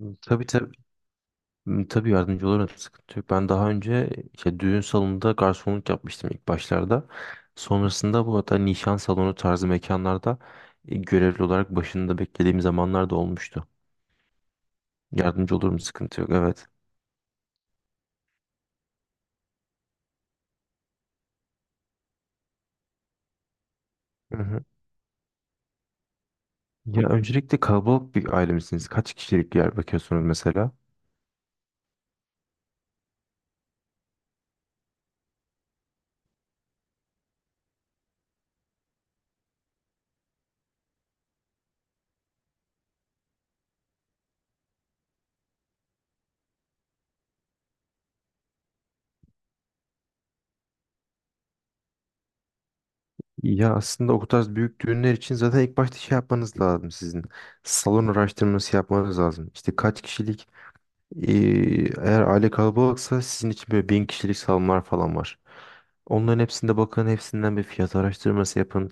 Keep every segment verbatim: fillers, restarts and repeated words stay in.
Hı, tabii tabii. Hı, tabii yardımcı olurum, sıkıntı yok. Ben daha önce işte düğün salonunda garsonluk yapmıştım ilk başlarda. Sonrasında bu hatta nişan salonu tarzı mekanlarda e, görevli olarak başında beklediğim zamanlar da olmuştu. Yardımcı olurum, sıkıntı yok, evet. Hı hı. Ya öncelikle kalabalık bir aile misiniz? Kaç kişilik bir yer bakıyorsunuz mesela? Ya aslında o tarz büyük düğünler için zaten ilk başta şey yapmanız lazım sizin. Salon araştırması yapmanız lazım. İşte kaç kişilik. Ee, Eğer aile kalabalıksa sizin için böyle bin kişilik salonlar falan var. Onların hepsinde bakın, hepsinden bir fiyat araştırması yapın.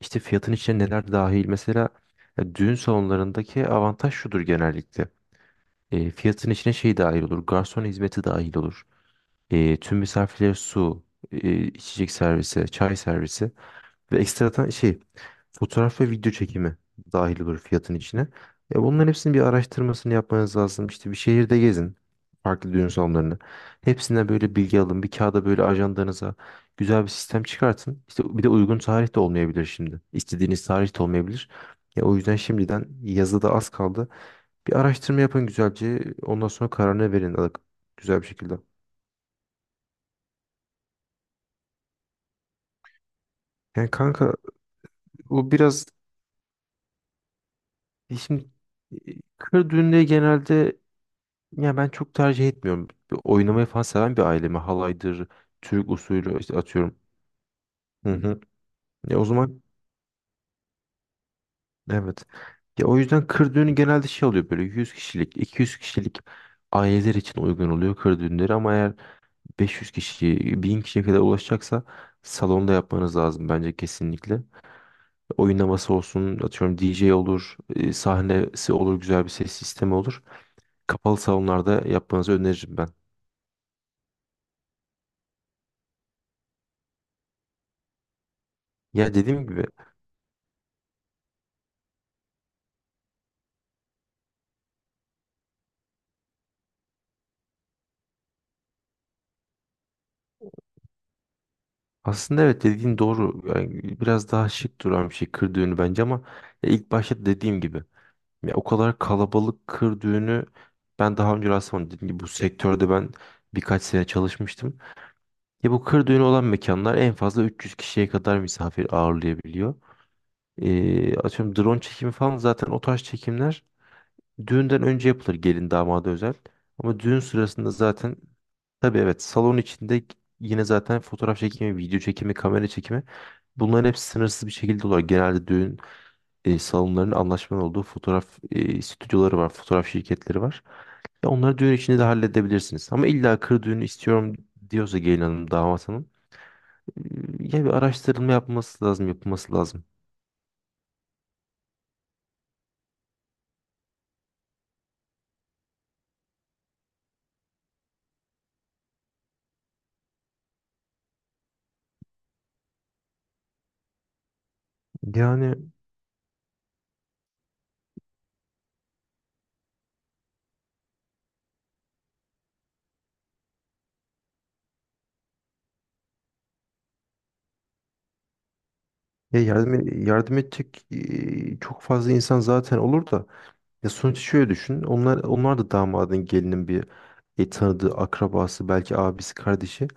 İşte fiyatın içine neler dahil. Mesela e, düğün salonlarındaki avantaj şudur genellikle. E, fiyatın içine şey dahil olur. Garson hizmeti dahil olur. E, tüm misafirlere su, e, içecek servisi, çay servisi. Ve ekstradan şey fotoğraf ve video çekimi dahil olur fiyatın içine. E bunların hepsinin bir araştırmasını yapmanız lazım. İşte bir şehirde gezin. Farklı düğün salonlarını. Hepsinden böyle bilgi alın. Bir kağıda, böyle ajandanıza güzel bir sistem çıkartın. İşte bir de uygun tarih de olmayabilir şimdi. İstediğiniz tarih de olmayabilir. Ya o yüzden şimdiden, yazı da az kaldı. Bir araştırma yapın güzelce. Ondan sonra kararını verin alık- güzel bir şekilde. Yani kanka, o biraz e şimdi e, kır düğünleri genelde, ya ben çok tercih etmiyorum. Bir oynamayı falan seven bir ailemi. Halaydır, Türk usulü işte, atıyorum. Hı hı. Ya o zaman evet. Ya o yüzden kır düğünü genelde şey oluyor, böyle yüz kişilik, iki yüz kişilik aileler için uygun oluyor kır düğünleri, ama eğer beş yüz kişi, bin kişiye kadar ulaşacaksa salonda yapmanız lazım bence kesinlikle. Oynaması olsun, atıyorum D J olur, e, sahnesi olur, güzel bir ses sistemi olur. Kapalı salonlarda yapmanızı öneririm ben. Ya dediğim gibi, aslında evet, dediğin doğru. Yani biraz daha şık duran bir şey kır düğünü bence, ama ya ilk başta dediğim gibi, ya o kadar kalabalık kır düğünü ben daha önce rastlamadım. Dediğim gibi bu sektörde ben birkaç sene çalışmıştım. Ya bu kır düğünü olan mekanlar en fazla üç yüz kişiye kadar misafir ağırlayabiliyor. Ee, atıyorum drone çekimi falan, zaten o tarz çekimler düğünden önce yapılır, gelin damada özel. Ama düğün sırasında zaten, tabii, evet, salon içinde yine zaten fotoğraf çekimi, video çekimi, kamera çekimi. Bunların hepsi sınırsız bir şekilde oluyor. Genelde düğün e, salonlarının anlaşmanın olduğu fotoğraf e, stüdyoları var, fotoğraf şirketleri var. Ya onları düğün içinde de halledebilirsiniz. Ama illa kır düğünü istiyorum diyorsa gelin hanım, damat hanım, e, ya bir araştırılma yapması lazım, yapılması lazım. Yani, ya yardım yardım edecek e, çok fazla insan zaten olur da. Ya sonuçta şöyle düşün. Onlar onlar da damadın gelinin bir e, tanıdığı, akrabası, belki abisi, kardeşi.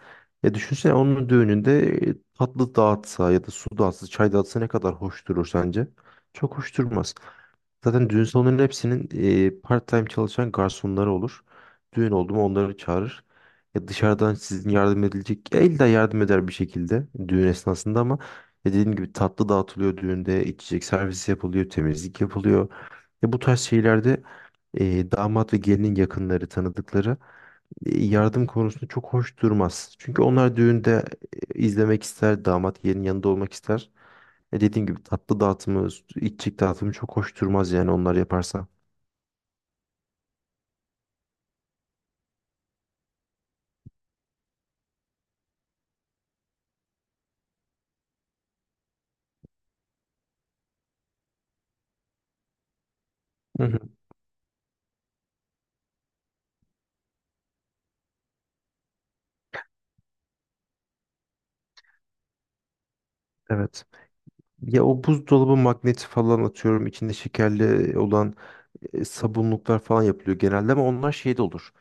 Ya düşünsene, onun düğününde e, tatlı dağıtsa ya da su dağıtsa, çay dağıtsa, ne kadar hoş durur sence? Çok hoş durmaz. Zaten düğün salonlarının hepsinin e, part-time çalışan garsonları olur. Düğün oldu mu onları çağırır. Ya dışarıdan sizin yardım edilecek, ya illa yardım eder bir şekilde düğün esnasında, ama ya dediğim gibi tatlı dağıtılıyor düğünde, içecek servisi yapılıyor, temizlik yapılıyor. Ve bu tarz şeylerde e, damat ve gelinin yakınları, tanıdıkları e, yardım konusunda çok hoş durmaz. Çünkü onlar düğünde e, izlemek ister, damat gelinin yanında olmak ister. E, dediğim gibi tatlı dağıtımı, içecek dağıtımı çok hoş durmaz, yani onlar yaparsa. Hı hı, evet. Ya o buzdolabı magneti falan, atıyorum içinde şekerli olan e, sabunluklar falan yapılıyor genelde, ama onlar şeyde olur.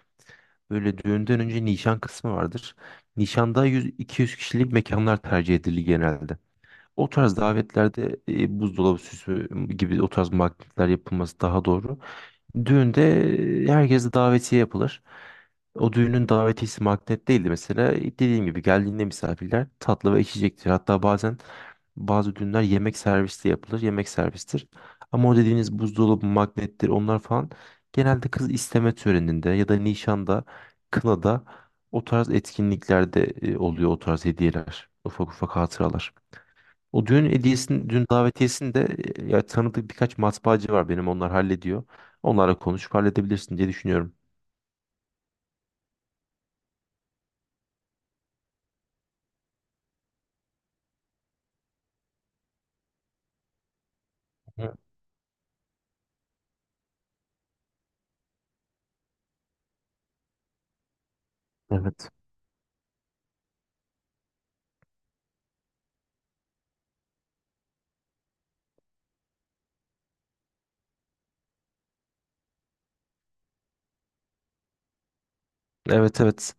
Böyle düğünden önce nişan kısmı vardır. Nişanda yüz ile iki yüz kişilik mekanlar tercih edilir genelde. O tarz davetlerde e, buzdolabı süsü gibi o tarz magnetler yapılması daha doğru. Düğünde e, herkese davetiye yapılır. O düğünün davetiyesi magnet değildi mesela. E, Dediğim gibi geldiğinde misafirler tatlı ve içecektir. Hatta bazen bazı düğünler yemek servisi yapılır. Yemek servistir. Ama o dediğiniz buzdolabı magnettir, onlar falan genelde kız isteme töreninde ya da nişanda, kınada, o tarz etkinliklerde e, oluyor o tarz hediyeler. Ufak ufak hatıralar. O düğün hediyesini, düğün davetiyesini de e, ya, tanıdık birkaç matbaacı var benim, onlar hallediyor. Onlarla konuşup halledebilirsin diye düşünüyorum. Hı. Evet. Evet evet.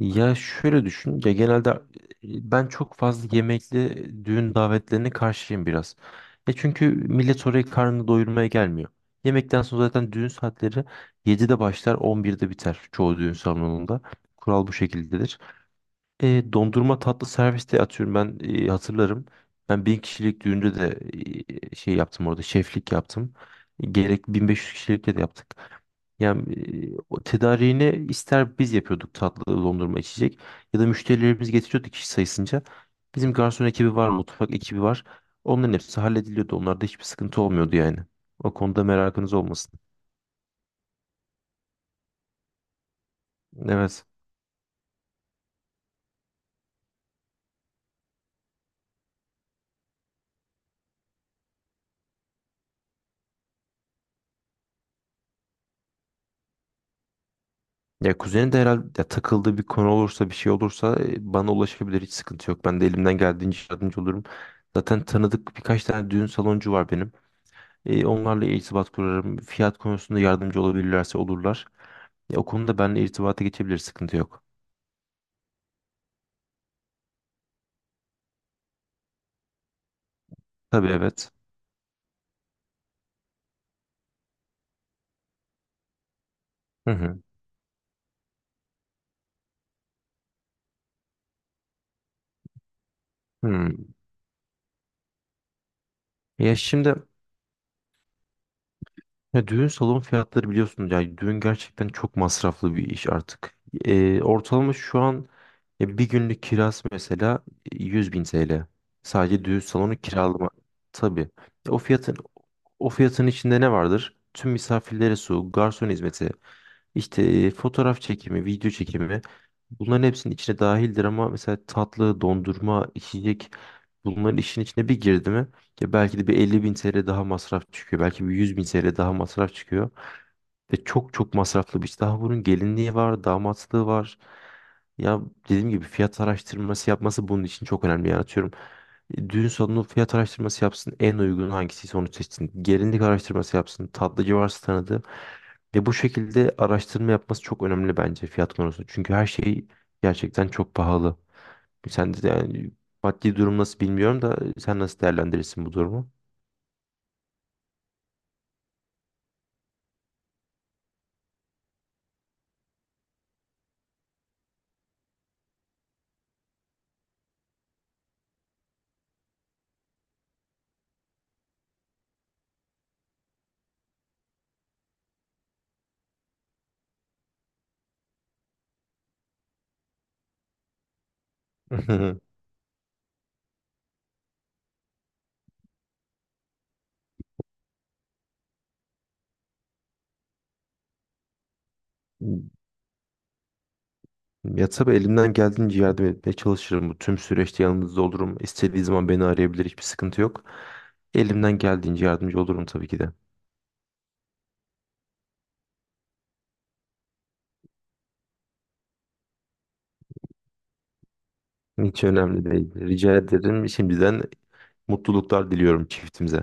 Ya şöyle düşün. Ya genelde e, ben çok fazla yemekli düğün davetlerine karşıyım biraz. E çünkü millet oraya karnını doyurmaya gelmiyor. Yemekten sonra zaten düğün saatleri yedide başlar, on birde biter çoğu düğün salonunda. Kural bu şekildedir. E, dondurma tatlı serviste, atıyorum ben e, hatırlarım. Ben bin kişilik düğünde de e, şey yaptım orada, şeflik yaptım. Gerek bin beş yüz kişilikte de yaptık. Yani e, o tedariğini ister biz yapıyorduk, tatlı dondurma içecek, ya da müşterilerimiz getiriyordu kişi sayısınca. Bizim garson ekibi var, mutfak ekibi var. Onların hepsi hallediliyordu. Onlarda hiçbir sıkıntı olmuyordu yani. O konuda merakınız olmasın. Evet. Ya kuzeni de herhalde, ya takıldığı bir konu olursa, bir şey olursa e, bana ulaşabilir, hiç sıkıntı yok. Ben de elimden geldiğince yardımcı olurum. Zaten tanıdık birkaç tane düğün saloncu var benim. E, onlarla irtibat kurarım. Fiyat konusunda yardımcı olabilirlerse olurlar. Ya, o konuda benimle irtibata geçebilir, sıkıntı yok. Tabii evet. Hı hı. Hmm. Ya şimdi, ya düğün salon fiyatları biliyorsunuz, ya düğün gerçekten çok masraflı bir iş artık. Ee, ortalama şu an e, bir günlük kirası mesela yüz bin T L. Sadece düğün salonu kiralama. Tabii. E, O fiyatın o fiyatın içinde ne vardır? Tüm misafirlere su, garson hizmeti, işte e, fotoğraf çekimi, video çekimi. Bunların hepsinin içine dahildir, ama mesela tatlı, dondurma, içecek, bunların işin içine bir girdi mi, ya belki de bir elli bin TL daha masraf çıkıyor. Belki bir yüz bin TL daha masraf çıkıyor. Ve çok çok masraflı bir iş. Daha bunun gelinliği var, damatlığı var. Ya dediğim gibi fiyat araştırması yapması bunun için çok önemli. Yani atıyorum e, düğün salonu fiyat araştırması yapsın. En uygun hangisiyse onu seçsin. Gelinlik araştırması yapsın. Tatlıcı varsa tanıdığı. Ve bu şekilde araştırma yapması çok önemli bence fiyat konusunda. Çünkü her şey gerçekten çok pahalı. Sen de yani, maddi durum nasıl bilmiyorum da sen nasıl değerlendirirsin bu durumu? Ya tabii elimden geldiğince yardım etmeye çalışırım. Bu tüm süreçte yanınızda olurum. İstediği zaman beni arayabilir. Hiçbir sıkıntı yok. Elimden geldiğince yardımcı olurum tabii ki de. Hiç önemli değil. Rica ederim. Şimdiden mutluluklar diliyorum çiftimize.